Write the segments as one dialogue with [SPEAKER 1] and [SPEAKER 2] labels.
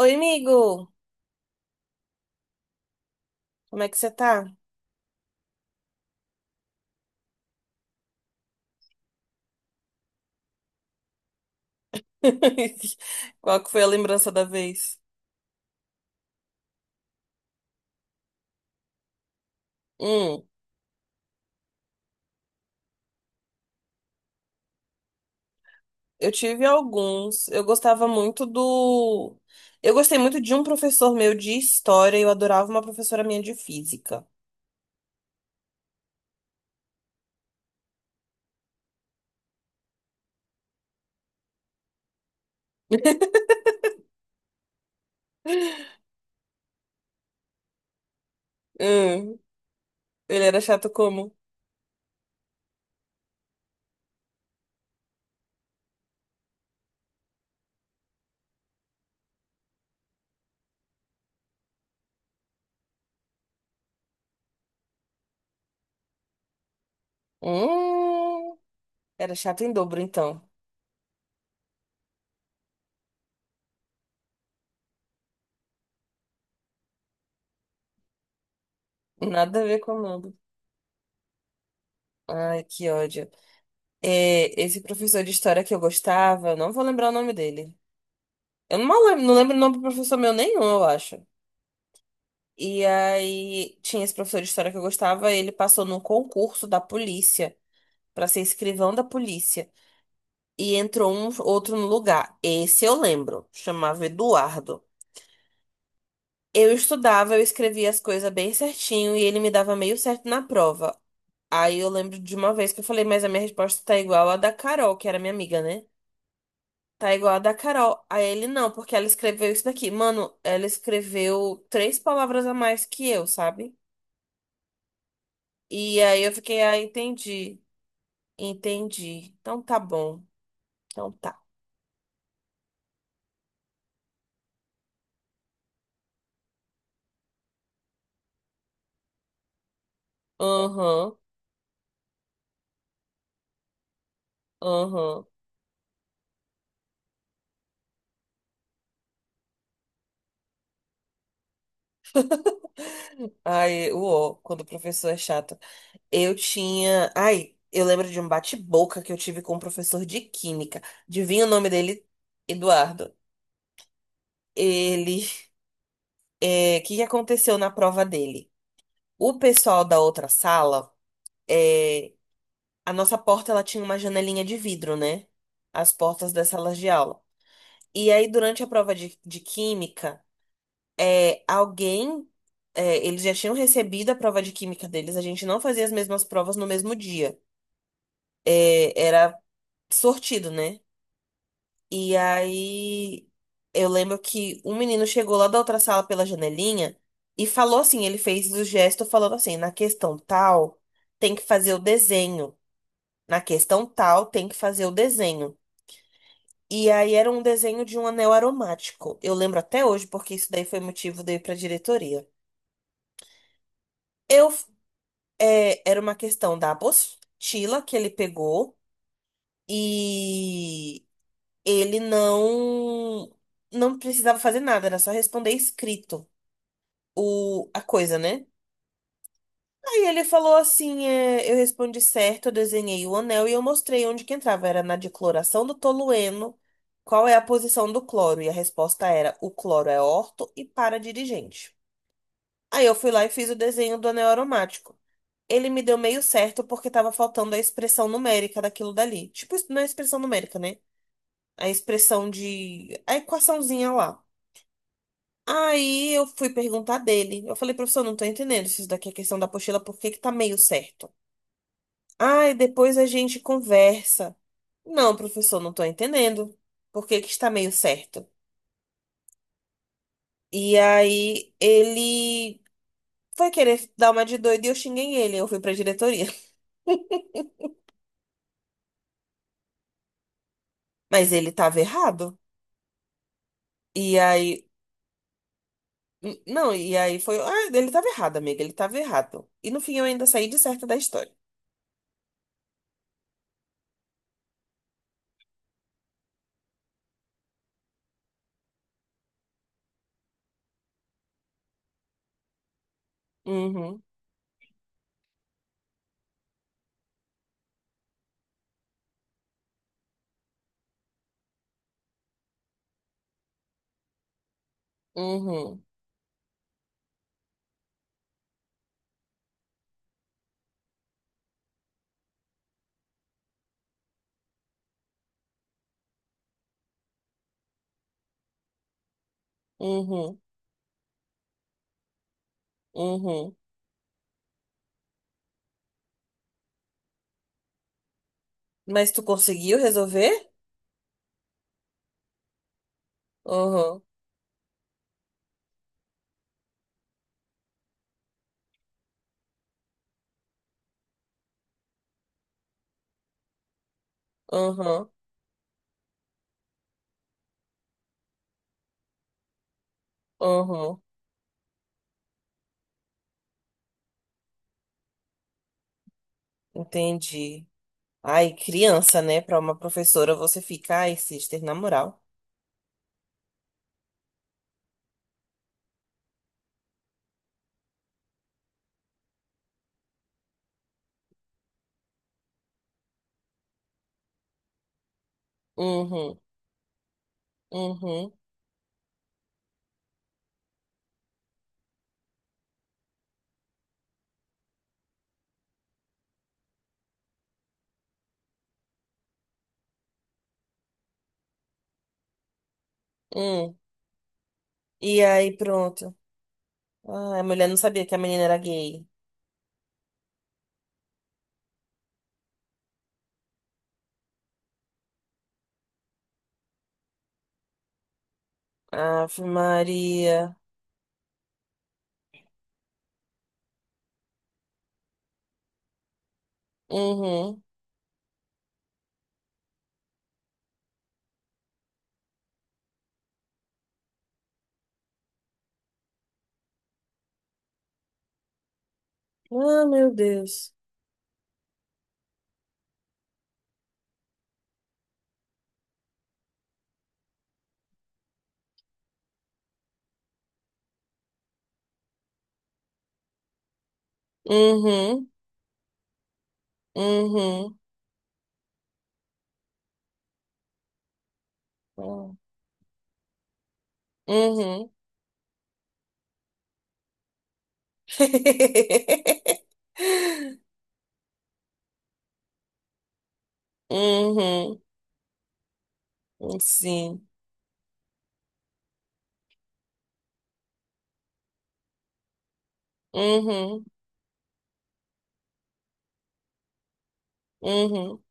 [SPEAKER 1] Oi, amigo! Como é que você tá? Qual que foi a lembrança da vez? Hum, eu tive alguns. Eu gostava muito do. Eu gostei muito de um professor meu de história e eu adorava uma professora minha de física. Hum, ele era chato como? Hum, era chato em dobro, então. Nada a ver com o nome. Ai, que ódio. É, esse professor de história que eu gostava, não vou lembrar o nome dele. Eu não lembro, não lembro o nome do professor meu nenhum, eu acho. E aí tinha esse professor de história que eu gostava, ele passou num concurso da polícia pra ser escrivão da polícia e entrou um outro no lugar. Esse eu lembro, chamava Eduardo. Eu estudava, eu escrevia as coisas bem certinho e ele me dava meio certo na prova. Aí eu lembro de uma vez que eu falei, mas a minha resposta tá igual à da Carol, que era minha amiga, né? Tá igual a da Carol. Aí ele não, porque ela escreveu isso daqui. Mano, ela escreveu três palavras a mais que eu, sabe? E aí eu fiquei, ah, entendi. Entendi. Então tá bom. Então tá. Aham, aham. Ai, uó, quando o professor é chato. Eu tinha. Ai, eu lembro de um bate-boca que eu tive com um professor de química. Adivinha o nome dele? Eduardo. Ele. O que que aconteceu na prova dele? O pessoal da outra sala. é, A nossa porta ela tinha uma janelinha de vidro, né? As portas das salas de aula. E aí, durante a prova de química. Alguém, eles já tinham recebido a prova de química deles, a gente não fazia as mesmas provas no mesmo dia. É, era sortido, né? E aí eu lembro que um menino chegou lá da outra sala pela janelinha e falou assim, ele fez o gesto falando assim, na questão tal, tem que fazer o desenho. Na questão tal, tem que fazer o desenho. E aí era um desenho de um anel aromático. Eu lembro até hoje, porque isso daí foi motivo de eu ir pra diretoria. Eu era uma questão da apostila que ele pegou e ele não precisava fazer nada, era só responder escrito a coisa, né? Aí ele falou assim, eu respondi certo, eu desenhei o anel e eu mostrei onde que entrava, era na decloração do tolueno, qual é a posição do cloro, e a resposta era, o cloro é orto e para dirigente. Aí eu fui lá e fiz o desenho do anel aromático. Ele me deu meio certo porque tava faltando a expressão numérica daquilo dali. Tipo, não é expressão numérica, né? A expressão de... A equaçãozinha lá. Aí eu fui perguntar dele. Eu falei, professor, não tô entendendo se isso daqui é questão da apostila, por que que tá meio certo? Ah, e depois a gente conversa. Não, professor, não tô entendendo. Por que que está meio certo? E aí ele foi querer dar uma de doido e eu xinguei ele. Eu fui pra diretoria. Mas ele tava errado. E aí N- Não, e aí foi. Ah, ele tava errado, amiga, ele tava errado. E no fim eu ainda saí de certa da história. Uhum, uhum, uhum, uhum. Mas tu conseguiu resolver? Uhum, uhum, uhum. Entendi. Ai, criança, né? Pra uma professora você fica, ai, sister, na moral. Uhum, uhum, uhum. E aí, pronto. Ai, a mulher não sabia que a menina era gay. Ave Maria. Uhum. Ah, meu Deus. Uhum. Uhum. Uhum. Uhum. Uhum. Sim. Uhum. Uhum.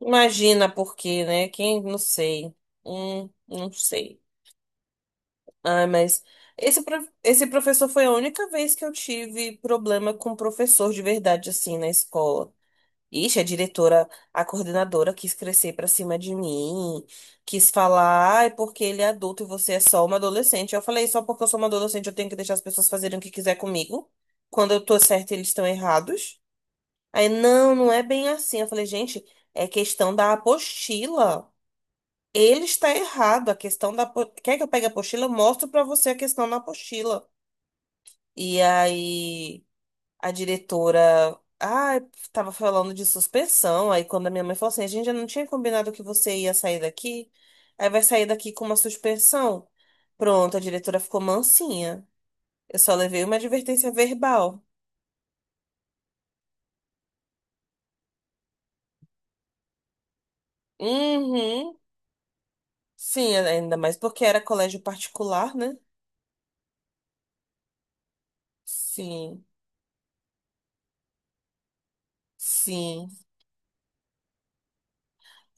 [SPEAKER 1] Imagina por quê, né? Quem, não sei. Não sei. Ah, mas esse professor foi a única vez que eu tive problema com professor de verdade, assim, na escola. Ixi, a diretora, a coordenadora quis crescer pra cima de mim, quis falar, ah, é porque ele é adulto e você é só uma adolescente. Eu falei, só porque eu sou uma adolescente eu tenho que deixar as pessoas fazerem o que quiser comigo. Quando eu tô certa, eles estão errados. Aí, não, não é bem assim. Eu falei, gente, é questão da apostila. Ele está errado. A questão da. Apo- Quer que eu pegue a apostila? Eu mostro pra você a questão na apostila. E aí a diretora, ah, tava falando de suspensão. Aí quando a minha mãe falou assim, a gente já não tinha combinado que você ia sair daqui, aí vai sair daqui com uma suspensão. Pronto, a diretora ficou mansinha. Eu só levei uma advertência verbal. Uhum. Sim, ainda mais porque era colégio particular, né? Sim, sim.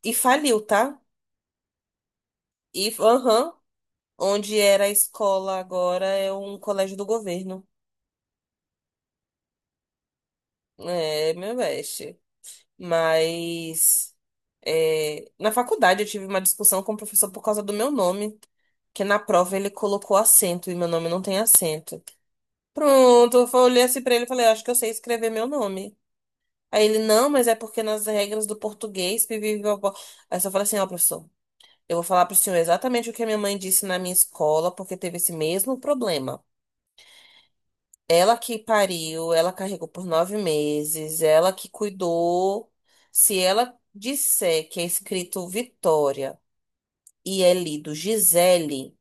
[SPEAKER 1] E faliu, tá? E, aham, onde era a escola agora é um colégio do governo. É, meu best. Mas na faculdade eu tive uma discussão com o professor por causa do meu nome, que na prova ele colocou acento e meu nome não tem acento. Pronto, olhei assim pra ele e falei, acho que eu sei escrever meu nome. Aí ele, não, mas é porque nas regras do português, pipi, pipopó. Aí eu só falei assim, ó, professor, eu vou falar pro senhor exatamente o que a minha mãe disse na minha escola, porque teve esse mesmo problema. Ela que pariu, ela carregou por 9 meses, ela que cuidou. Se ela disser que é escrito Vitória e é lido Gisele,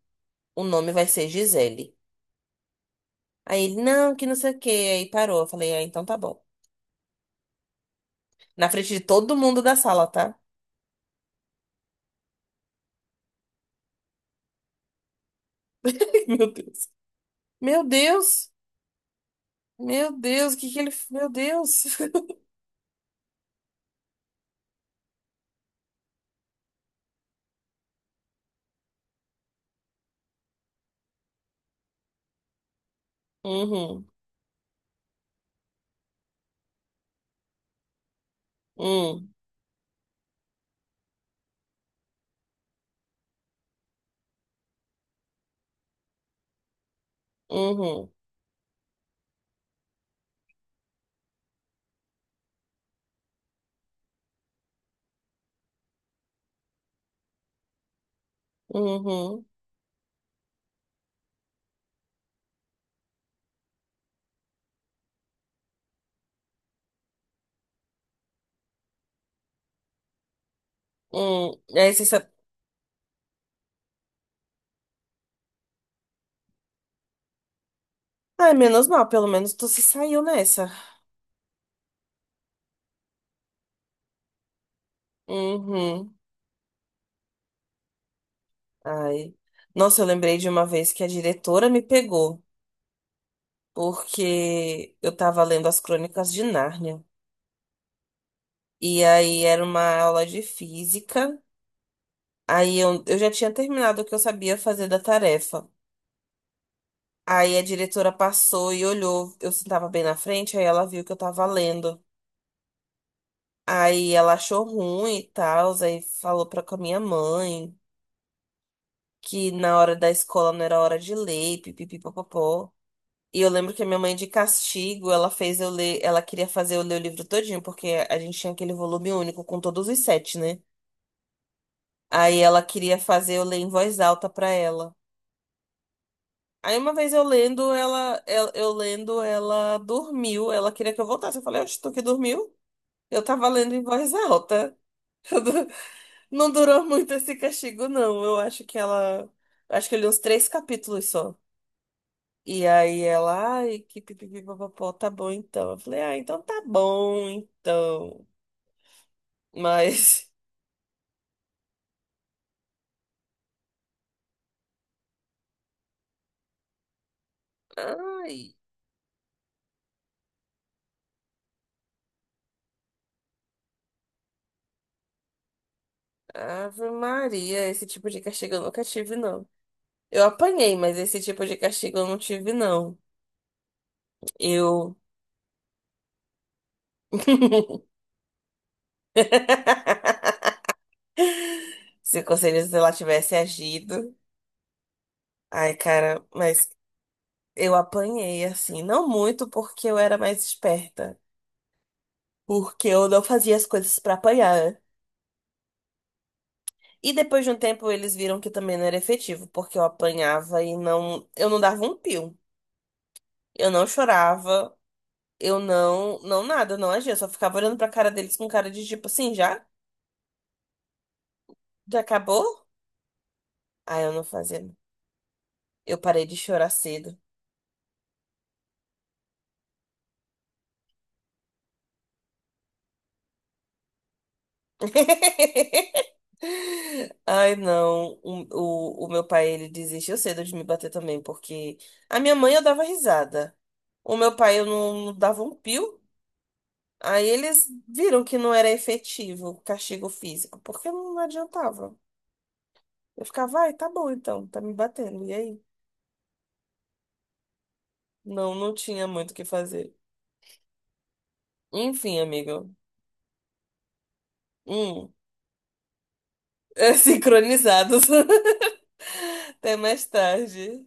[SPEAKER 1] o nome vai ser Gisele. Aí ele, não, que não sei o quê. Aí parou. Eu falei, ah, então tá bom. Na frente de todo mundo da sala, tá? Meu Deus. Meu Deus. Meu Deus, o que que ele. Meu Deus. Uhum, uhum, uhum, uhum, uhum. Aí você sabe. Ai, menos mal, pelo menos tu se saiu nessa. Uhum. Ai. Nossa, eu lembrei de uma vez que a diretora me pegou, porque eu tava lendo as Crônicas de Nárnia. E aí era uma aula de física. Aí eu já tinha terminado o que eu sabia fazer da tarefa. Aí a diretora passou e olhou. Eu sentava bem na frente, aí ela viu que eu tava lendo. Aí ela achou ruim e tal, aí falou pra com a minha mãe que na hora da escola não era hora de ler, pipipi. E eu lembro que a minha mãe, de castigo, ela fez eu ler, ela queria fazer eu ler o livro todinho, porque a gente tinha aquele volume único com todos os sete, né? Aí ela queria fazer eu ler em voz alta pra ela. Aí uma vez eu lendo, ela, eu lendo, ela dormiu, ela queria que eu voltasse. Eu falei, oxe, tu que dormiu? Eu tava lendo em voz alta. Não durou muito esse castigo, não. Eu acho que ela, acho que eu li uns três capítulos só. E aí ela, ai, que pipipi, papapó, tá bom então. Eu falei, ah, então tá bom então. Mas, ai, Ave Maria, esse tipo de castigo eu nunca tive, não. Eu apanhei, mas esse tipo de castigo eu não tive, não. Eu. Se o conselheiro sei lá tivesse agido. Ai, cara, mas eu apanhei, assim. Não muito porque eu era mais esperta. Porque eu não fazia as coisas pra apanhar. E depois de um tempo eles viram que também não era efetivo, porque eu apanhava e não, eu não dava um pio. Eu não chorava, eu não, não nada, eu não agia, eu só ficava olhando pra cara deles com cara de tipo assim, já? Já acabou? Aí eu não fazia. Eu parei de chorar cedo. Ai, não. O meu pai, ele desistiu cedo de me bater também, porque a minha mãe eu dava risada. O meu pai eu não dava um pio. Aí eles viram que não era efetivo o castigo físico, porque não adiantava. Eu ficava, ai, tá bom então, tá me batendo. E aí? Não, não tinha muito o que fazer. Enfim, amigo. Hum, sincronizados. Até mais tarde.